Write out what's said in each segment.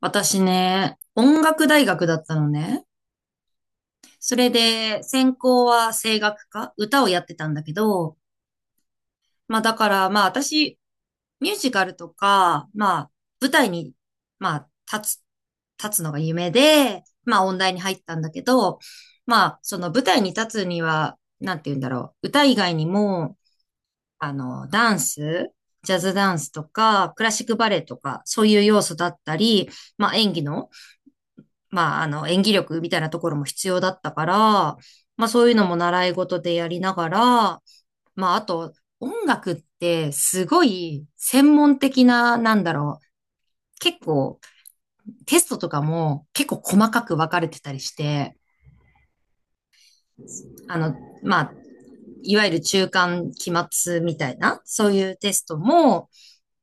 私ね、音楽大学だったのね。それで、専攻は声楽科、歌をやってたんだけど、まあだからまあ私、ミュージカルとか、まあ舞台に、まあ立つ、立つのが夢で、まあ音大に入ったんだけど、まあその舞台に立つには、なんて言うんだろう、歌以外にも、ダンス、ジャズダンスとか、クラシックバレエとか、そういう要素だったり、まあ演技の、まあ、演技力みたいなところも必要だったから、まあ、そういうのも習い事でやりながら、まあ、あと、音楽ってすごい専門的な、なんだろう、結構テストとかも結構細かく分かれてたりして、あの、まあ、いわゆる中間期末みたいな、そういうテストも、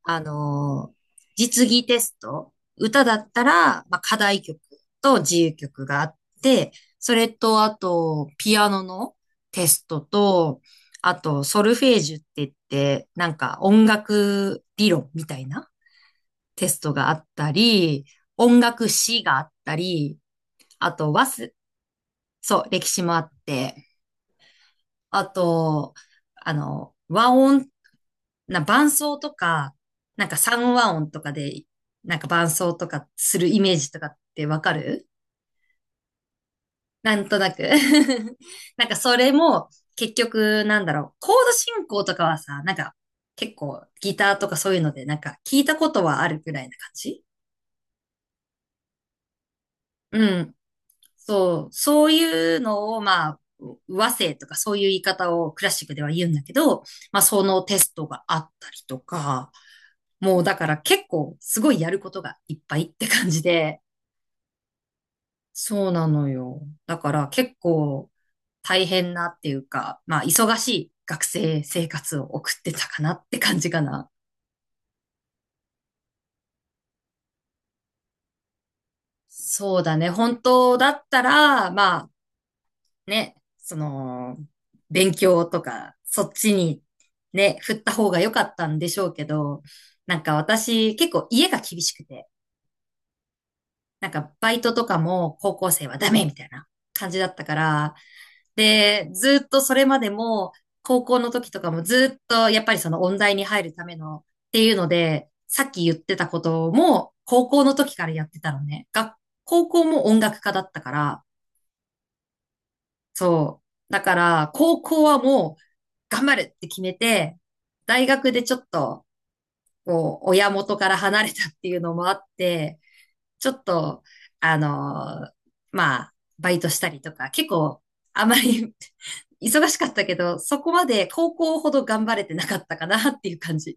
あの、実技テスト、歌だったら、まあ、課題曲と自由曲があって、それと、あと、ピアノのテストと、あと、ソルフェージュって言って、なんか音楽理論みたいなテストがあったり、音楽史があったり、あと、そう、歴史もあって、あと、和音な、伴奏とか、なんか三和音とかで、なんか伴奏とかするイメージとかってわかる？なんとなく なんかそれも、結局、なんだろう、コード進行とかはさ、なんか、結構ギターとかそういうので、なんか聞いたことはあるくらいな感じ。うん。そう、そういうのを、まあ、和声とかそういう言い方をクラシックでは言うんだけど、まあ、そのテストがあったりとか、もうだから結構すごいやることがいっぱいって感じで、そうなのよ。だから結構大変なっていうか、まあ忙しい学生生活を送ってたかなって感じかな。そうだね。本当だったら、まあね、その、勉強とか、そっちにね、振った方が良かったんでしょうけど、なんか私結構家が厳しくて、なんかバイトとかも高校生はダメみたいな感じだったから、で、ずっとそれまでも、高校の時とかもずっとやっぱりその音大に入るためのっていうので、さっき言ってたことも高校の時からやってたのね。高校も音楽家だったから、そう。だから、高校はもう、頑張るって決めて、大学でちょっと、こう、親元から離れたっていうのもあって、ちょっと、あのーまあ、バイトしたりとか、結構、あまり 忙しかったけど、そこまで高校ほど頑張れてなかったかなっていう感じ。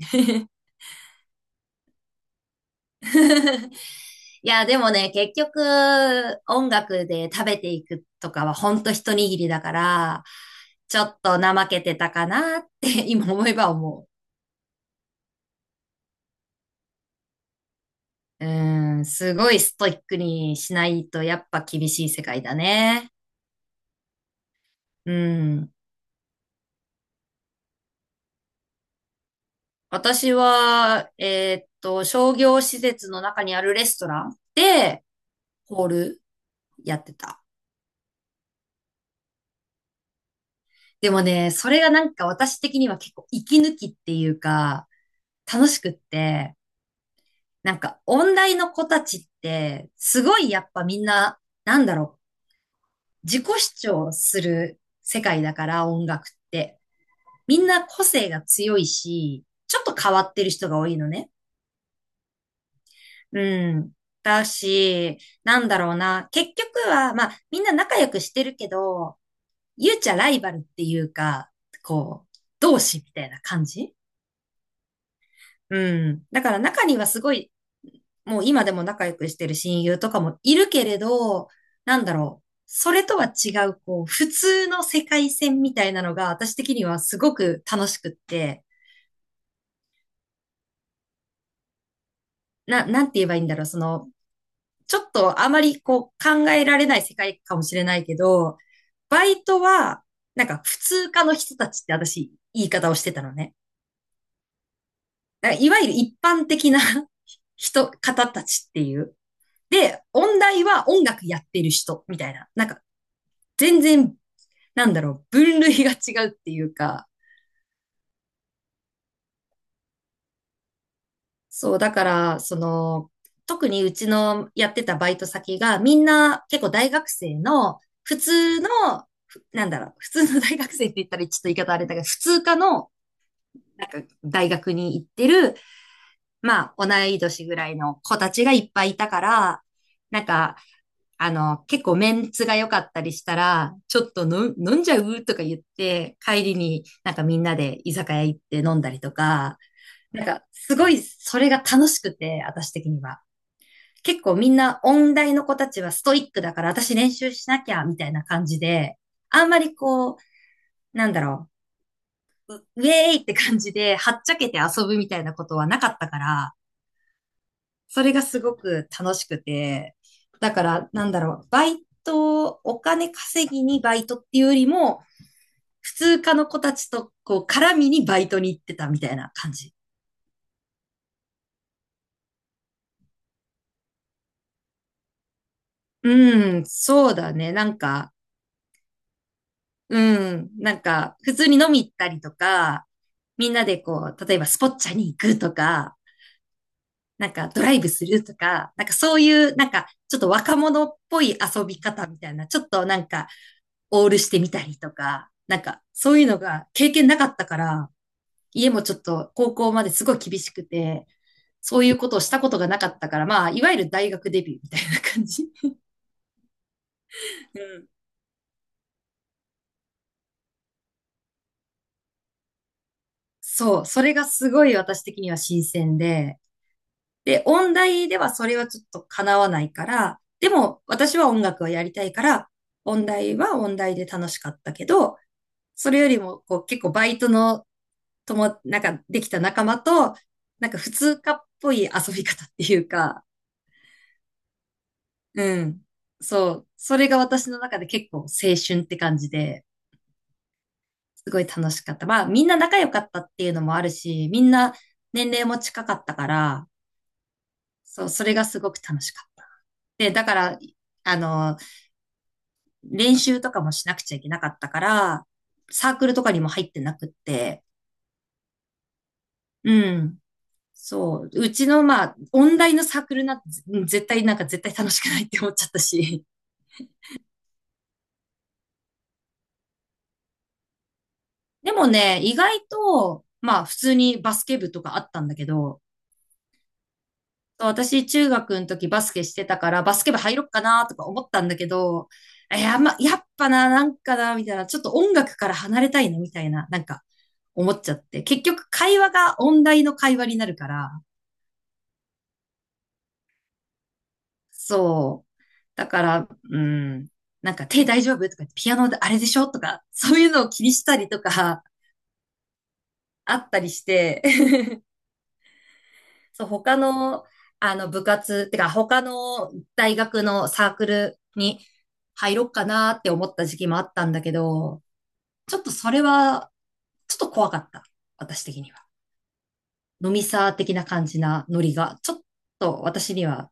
いや、でもね、結局、音楽で食べていくとかはほんと一握りだから、ちょっと怠けてたかなって 今思えば思う。うん、すごいストイックにしないとやっぱ厳しい世界だね。うん。私は、商業施設の中にあるレストランで、ホールやってた。でもね、それがなんか私的には結構息抜きっていうか、楽しくって、なんか、音大の子たちって、すごいやっぱみんな、なんだろう、自己主張する世界だから、音楽って。みんな個性が強いし、ちょっと変わってる人が多いのね。うん。だし、なんだろうな。結局は、まあ、みんな仲良くしてるけど、ゆうちゃライバルっていうか、こう、同志みたいな感じ。うん。だから中にはすごいもう今でも仲良くしてる親友とかもいるけれど、なんだろう。それとは違う、こう、普通の世界線みたいなのが、私的にはすごく楽しくって、なんて言えばいいんだろう。その、ちょっとあまりこう、考えられない世界かもしれないけど、バイトは、なんか普通科の人たちって私、言い方をしてたのね。だからいわゆる一般的な 人、方たちっていう。で、音大は音楽やってる人、みたいな。なんか、全然なんだろう、分類が違うっていうか、そう、だから、その、特にうちのやってたバイト先が、みんな結構大学生の、普通の、なんだろう、普通の大学生って言ったらちょっと言い方あれだけど、普通科の、なんか大学に行ってる、まあ、同い年ぐらいの子たちがいっぱいいたから、なんか、結構メンツが良かったりしたら、ちょっとの飲んじゃうとか言って、帰りになんかみんなで居酒屋行って飲んだりとか、なんか、すごい、それが楽しくて、私的には。結構みんな、音大の子たちはストイックだから、私練習しなきゃ、みたいな感じで、あんまりこう、なんだろう、ウェーイって感じで、はっちゃけて遊ぶみたいなことはなかったから、それがすごく楽しくて、だから、なんだろう、バイト、お金稼ぎにバイトっていうよりも、普通科の子たちと、こう、絡みにバイトに行ってたみたいな感じ。うん、そうだね。なんか、うん。なんか、普通に飲み行ったりとか、みんなでこう、例えばスポッチャに行くとか、なんかドライブするとか、なんかそういう、なんかちょっと若者っぽい遊び方みたいな、ちょっとなんかオールしてみたりとか、なんかそういうのが経験なかったから、家もちょっと高校まですごい厳しくて、そういうことをしたことがなかったから、まあ、いわゆる大学デビューみたいな感じ。うん。そう、それがすごい私的には新鮮で、で、音大ではそれはちょっと叶わないから、でも私は音楽をやりたいから、音大は音大で楽しかったけど、それよりもこう結構バイトのなんかできた仲間と、なんか普通科っぽい遊び方っていうか、うん。そう。それが私の中で結構青春って感じで、すごい楽しかった。まあみんな仲良かったっていうのもあるし、みんな年齢も近かったから、そう、それがすごく楽しかった。で、だから、あの、練習とかもしなくちゃいけなかったから、サークルとかにも入ってなくって、うん。そう。うちの、まあ、音大のサークルなんて、うん絶対、なんか絶対楽しくないって思っちゃったし。でもね、意外と、まあ、普通にバスケ部とかあったんだけど、そう私、中学の時バスケしてたから、バスケ部入ろっかなとか思ったんだけど、いや、まあ、やっぱな、なんかな、みたいな、ちょっと音楽から離れたいな、みたいな、なんか、思っちゃって。結局、会話が音大の会話になるから、そう。だから、うん。なんか手大丈夫とか、ピアノであれでしょとか、そういうのを気にしたりとか、あったりして、そう、他の、部活、てか、他の大学のサークルに入ろうかなって思った時期もあったんだけど、ちょっとそれは、ちょっと怖かった。私的には。飲みサー的な感じなノリが、ちょっと私には。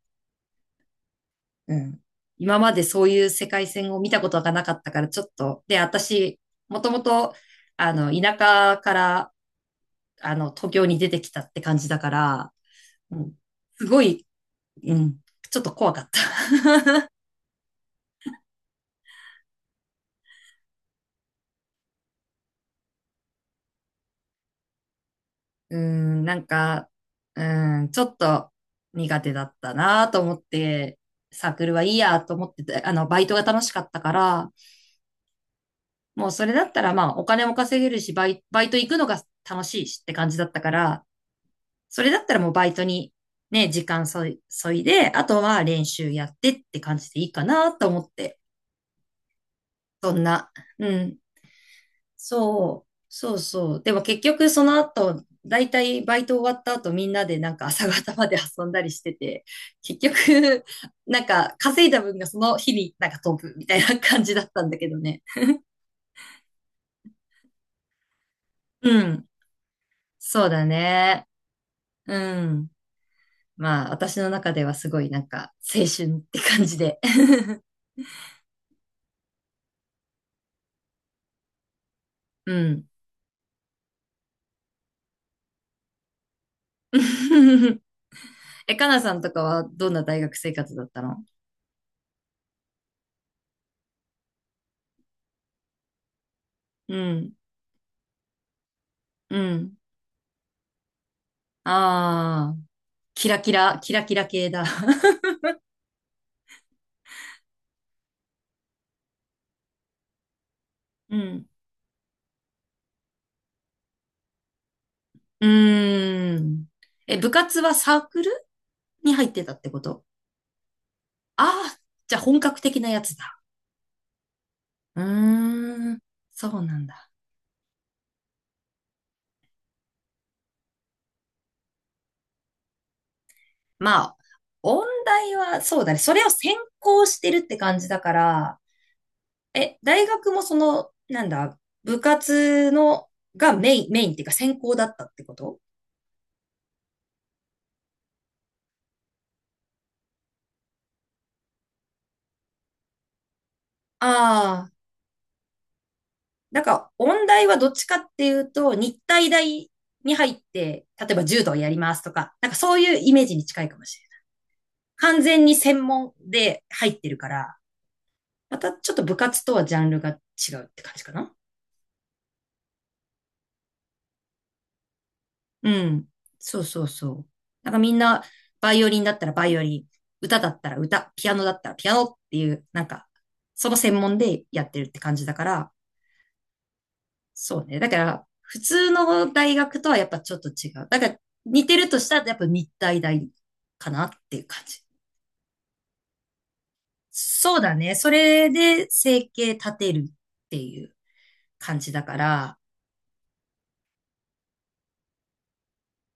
うん。今までそういう世界線を見たことがなかったから、ちょっと、で、私、もともと、田舎から、東京に出てきたって感じだから、うん、すごい、うん、ちょっと怖かった。うん、なんか、うん、ちょっと苦手だったなと思って、サークルはいいやと思ってて、バイトが楽しかったから、もうそれだったらまあ、お金も稼げるし、バイト行くのが楽しいしって感じだったから、それだったらもうバイトにね、時間そい、そいで、あとは練習やってって感じでいいかなと思って。そんな。うん。そう。そうそう。でも結局その後、だいたいバイト終わった後みんなでなんか朝方まで遊んだりしてて、結局、なんか稼いだ分がその日になんか飛ぶみたいな感じだったんだけどね。うん。そうだね。うん。まあ私の中ではすごいなんか青春って感じで。うん。え、かなさんとかはどんな大学生活だったの？うん、うん。ああ、キラキラ、キラキラ系だ。うん。うーん。え、部活はサークルに入ってたってこと？ああ、じゃあ本格的なやつだ。うーん。そうなんだ。まあ、音大はそうだね。それを専攻してるって感じだから、え、大学もその、なんだ、部活の、がメイン、メインっていうか専攻だったってこと？ああ、なんか、音大はどっちかっていうと、日体大に入って、例えば柔道やりますとか、なんかそういうイメージに近いかもしれない。完全に専門で入ってるから、またちょっと部活とはジャンルが違うって感じかな。うん。そうそうそう。なんかみんな、バイオリンだったらバイオリン、歌だったら歌、ピアノだったらピアノっていう、なんか、その専門でやってるって感じだから、そうね。だから、普通の大学とはやっぱちょっと違う。だから、似てるとしたら、やっぱ日体大かなっていう感じ。そうだね。それで生計立てるっていう感じだから、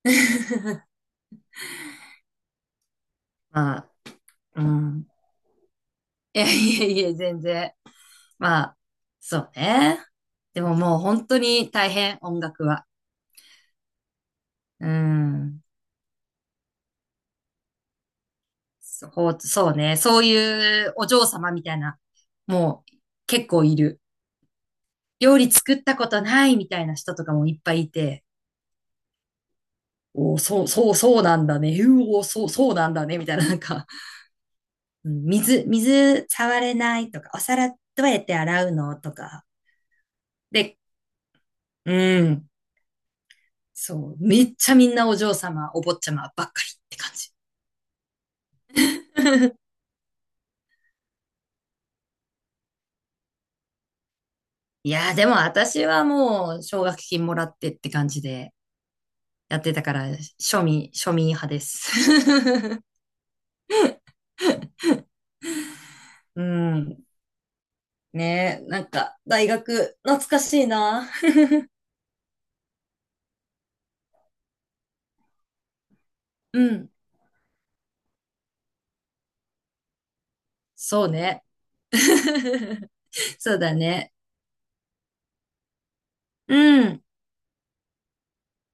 まあ、うん。いやいやいや、全然。まあ、そうね。でももう本当に大変、音楽は。うん。そう、そうね。そういうお嬢様みたいな、もう結構いる。料理作ったことないみたいな人とかもいっぱいいて、おーそう、そう、そうなんだね。うおー、そう、そうなんだね。みたいな、なんか、うん水触れないとか、お皿どうやって洗うのとか。で、うん、そう、めっちゃみんなお嬢様、お坊ちゃまばっかりって感じ。いやー、でも私はもう、奨学金もらってって感じでやってたから、庶民派です。うん。ねえ、なんか、大学、懐かしいな。うん。そうね。そうだね。うん。